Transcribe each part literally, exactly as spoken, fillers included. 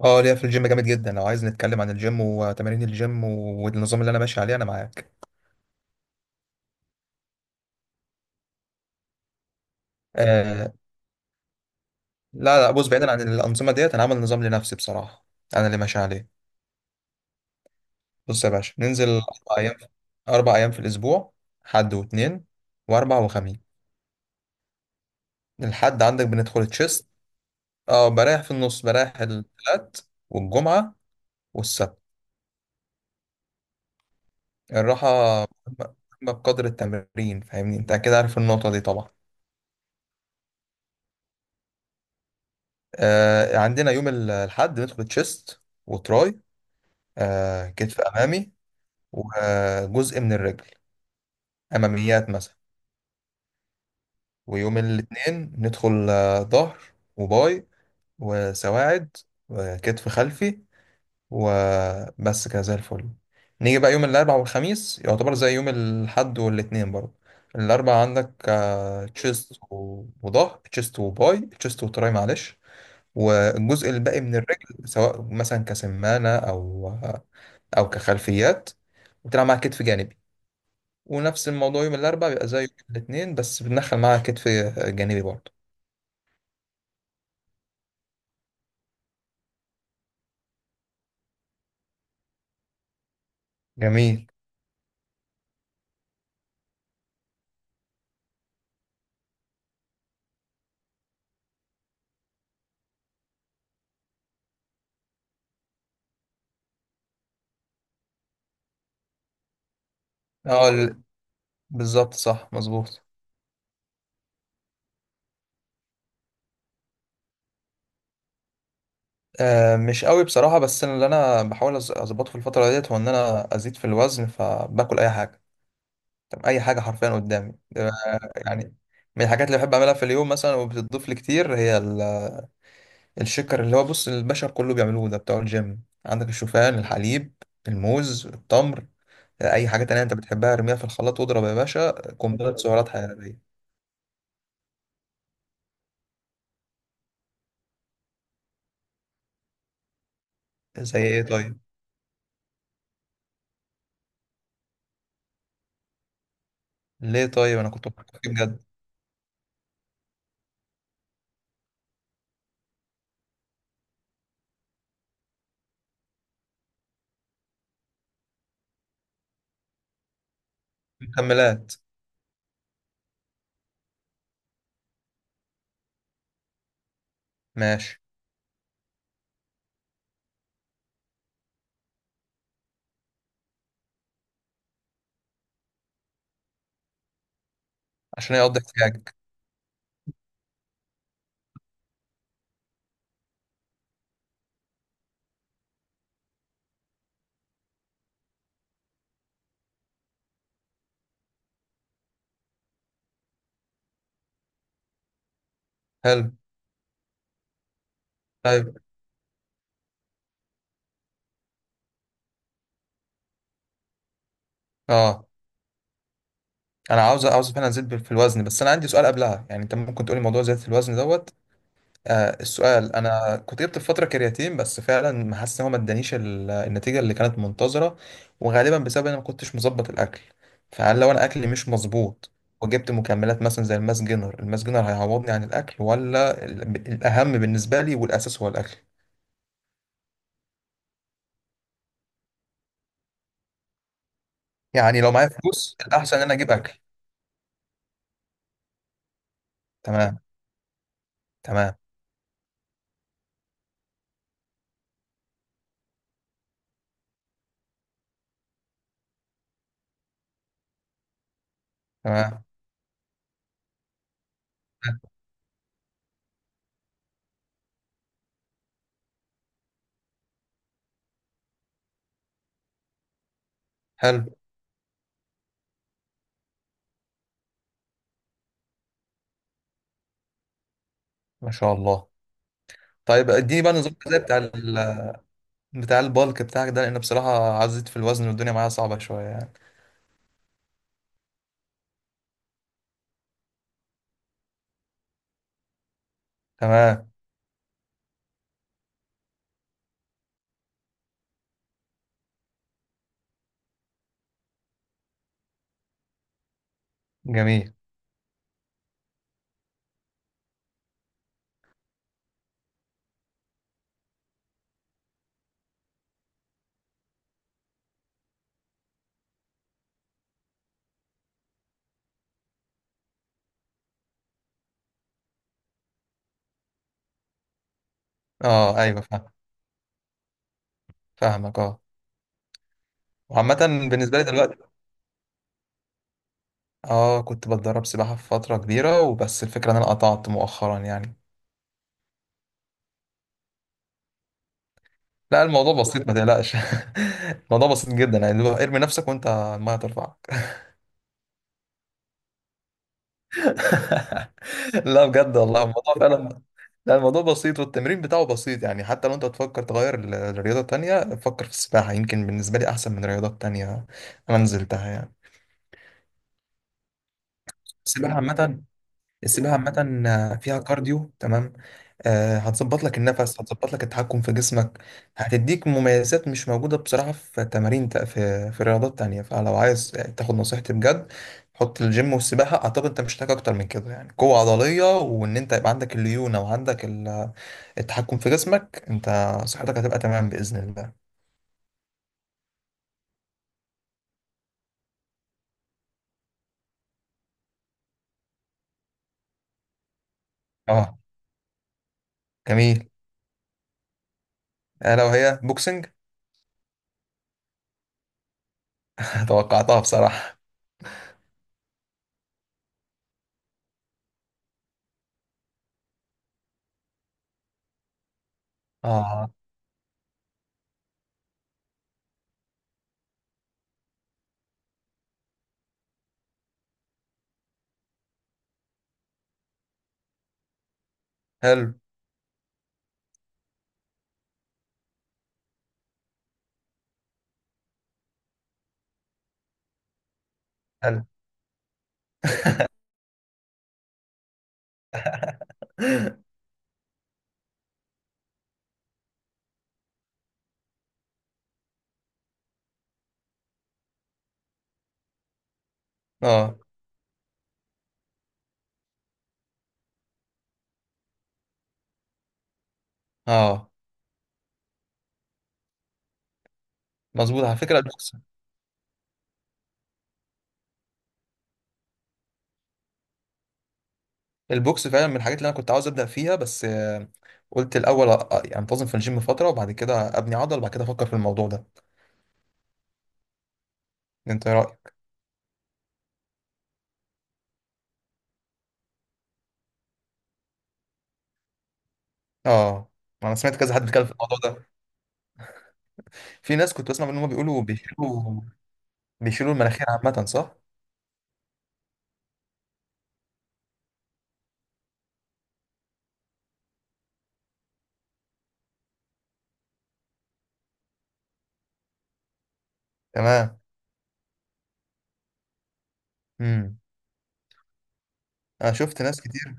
اه ليا في الجيم جامد جدا. لو عايز نتكلم عن الجيم وتمارين الجيم والنظام اللي انا ماشي عليه، انا معاك. آه. لا لا، بص بعيدا عن الانظمه ديت، انا عامل نظام لنفسي بصراحه. انا اللي ماشي عليه. بص يا باشا، ننزل اربع ايام. اربع ايام في الاسبوع. حد واثنين، واربع وخميس. الحد عندك بندخل تشيست. اه بريح في النص، بريح الثلاث. والجمعه والسبت الراحه مهمة، بقدر التمرين. فاهمني انت كده، عارف النقطه دي طبعا. آه عندنا يوم ال- الحد بندخل تشيست وتراي، آه، كتف أمامي، وجزء من الرجل، أماميات مثلا. ويوم الاثنين ندخل آه، ظهر وباي وسواعد وكتف خلفي، وبس كده زي الفل. نيجي بقى يوم الأربعاء والخميس، يعتبر زي يوم الحد والاثنين برضه. الأربعاء عندك آه، تشيست وظهر، تشيست وباي، تشيست وتراي، معلش. والجزء الباقي من الرجل، سواء مثلا كسمانة أو آه، أو كخلفيات، وتلعب مع كتف جانبي. ونفس الموضوع يوم الاربعاء بيبقى زي يوم الاثنين، بس بندخل معاها كتف جانبي برضه. جميل. اه ال- بالظبط، صح مظبوط. آه مش قوي بصراحة. بس أنا اللي أنا بحاول أز- أظبطه في الفترة ديت، هو إن أنا أزيد في الوزن، فباكل أي حاجة. طب أي حاجة حرفيا قدامي ده. يعني من الحاجات اللي بحب أعملها في اليوم مثلا وبتضيف لي كتير، هي ال- الشكر اللي هو، بص، البشر كله بيعملوه ده، بتوع الجيم. عندك الشوفان، الحليب، الموز، التمر، آه، أي حاجة تانية أنت بتحبها، ارميها في الخلاط واضرب يا باشا قنبلة سعرات حرارية. زي ايه طيب؟ ليه طيب، انا كنت بفكر فيه بجد. مكملات. ماشي. عشان يقضي احتياجك. حلو. طيب اه، انا عاوز عاوز فعلا ازيد في الوزن. بس انا عندي سؤال قبلها، يعني انت ممكن تقولي موضوع زيادة الوزن دوت. آه السؤال، انا كنت جبت في فتره كرياتين، بس فعلا ما حاسس ان هو ما ادانيش ال- النتيجه اللي كانت منتظره، وغالبا بسبب ان انا ما كنتش مظبط الاكل. فهل لو انا اكلي مش مظبوط وجبت مكملات مثلا زي الماس جينر، الماس جينر هيعوضني عن الاكل؟ ولا ال- الاهم بالنسبه لي والاساس هو الاكل؟ يعني لو معايا فلوس، الأحسن إن أنا أجيب أكل. تمام، تمام، تمام. حلو. ما شاء الله. طيب اديني بقى النظام الغذائي بتاع ال... بتاع البالك بتاعك ده، لأن بصراحة عزيت في الوزن والدنيا معايا صعبة شوية يعني. تمام. جميل. أه أيوه فاهم، فاهمك أه. وعامة بالنسبة لي دلوقتي، أه كنت بتدرب سباحة في فترة كبيرة وبس. الفكرة إن أنا قطعت مؤخرا يعني. لا الموضوع بسيط، ما تقلقش. الموضوع بسيط جدا، يعني اللي هو ارمي نفسك وأنت المية ترفعك. لا بجد والله، الموضوع فعلا. لا الموضوع بسيط والتمرين بتاعه بسيط يعني. حتى لو انت تفكر تغير ل- لرياضة تانية، فكر في السباحة. يمكن بالنسبة لي أحسن من رياضات تانية. أنا نزلتها يعني. السباحة عامة. السباحة عامة آه، فيها كارديو، تمام. آه هتظبط لك النفس، هتظبط لك التحكم في جسمك، هتديك مميزات مش موجودة بصراحة في تمارين تا- في في رياضات تانية. فلو عايز تاخد نصيحتي بجد، حط الجيم والسباحة. أعتقد أنت مش محتاج أكتر من كده. يعني قوة عضلية، وإن أنت يبقى عندك الليونة، وعندك التحكم في جسمك انت. صحتك هتبقى تمام باذن الله. اه. جميل. آه لو هي بوكسنج. توقعتها بصراحه. اه. حلو حلو. اه اه. مظبوط على فكره، البوكس. البوكس فعلا من الحاجات اللي انا كنت عاوز ابدا فيها، بس آه، قلت الاول آه، انتظم في الجيم فتره، وبعد كده ابني عضل، وبعد كده افكر في الموضوع ده. انت ايه رايك؟ اه انا سمعت كذا حد بيتكلم في الموضوع ده، في ناس كنت بسمع منهم بيقولوا بيشيلوا. بيشيلوا المناخير عامه، صح؟ تمام. امم. انا شفت ناس كتير.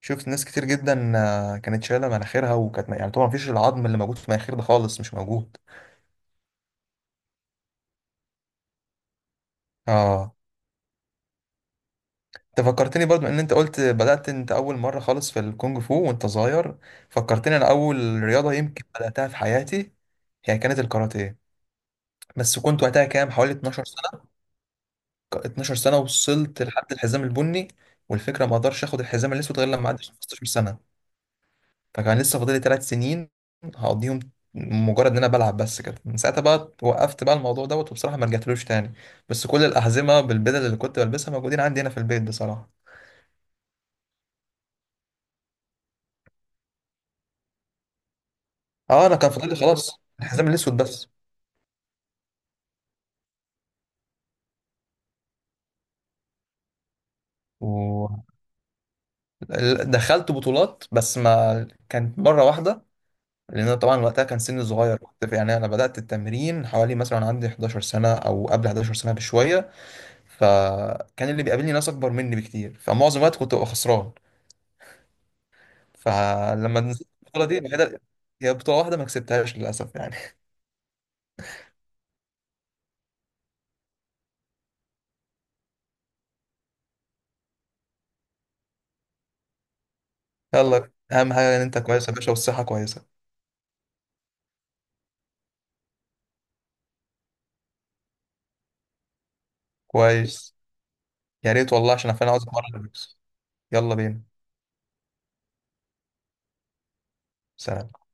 شفت ناس كتير جدا، آه، كانت شايله مناخيرها، وكانت يعني طبعا مفيش العظم اللي موجود في المناخير ده خالص، مش موجود. اه. انت فكرتني برضو ان انت قلت بدات انت اول مره خالص في الكونج فو وانت صغير، فكرتني انا اول رياضه يمكن بداتها في حياتي، هي كانت الكاراتيه. بس كنت وقتها كام حوالي 12 سنه. ك- 12 سنه وصلت لحد الحزام البني. والفكره ما اقدرش اخد الحزام الاسود غير لما اعدي 15 سنه، فكان لسه فاضلي ثلاث سنين هقضيهم مجرد ان انا بلعب بس كده. من ساعتها بقى وقفت بقى الموضوع دوت، وبصراحه ما رجعتلوش تاني. بس كل الاحزمه بالبدل اللي كنت بلبسها موجودين عندي هنا في البيت بصراحه. اه انا كان فاضل لي خلاص الحزام الاسود بس. ودخلت بطولات، بس ما كانت مره واحده، لان انا طبعا وقتها كان سني صغير. كنت في- يعني انا بدات التمرين حوالي مثلا وأنا عندي 11 سنه، او قبل 11 سنه بشويه. فكان اللي بيقابلني ناس اكبر مني بكتير، فمعظم الوقت كنت ببقى خسران. فلما نزلت البطولة دي الوحيدة، هي بطولة واحدة، ما كسبتهاش للأسف يعني. يلا، أهم حاجة إن أنت كويس يا باشا، والصحة كويسة. كويس. يا ريت والله، عشان أنا فعلا عاوز أتمرن بوكس. يلا بينا. سلام.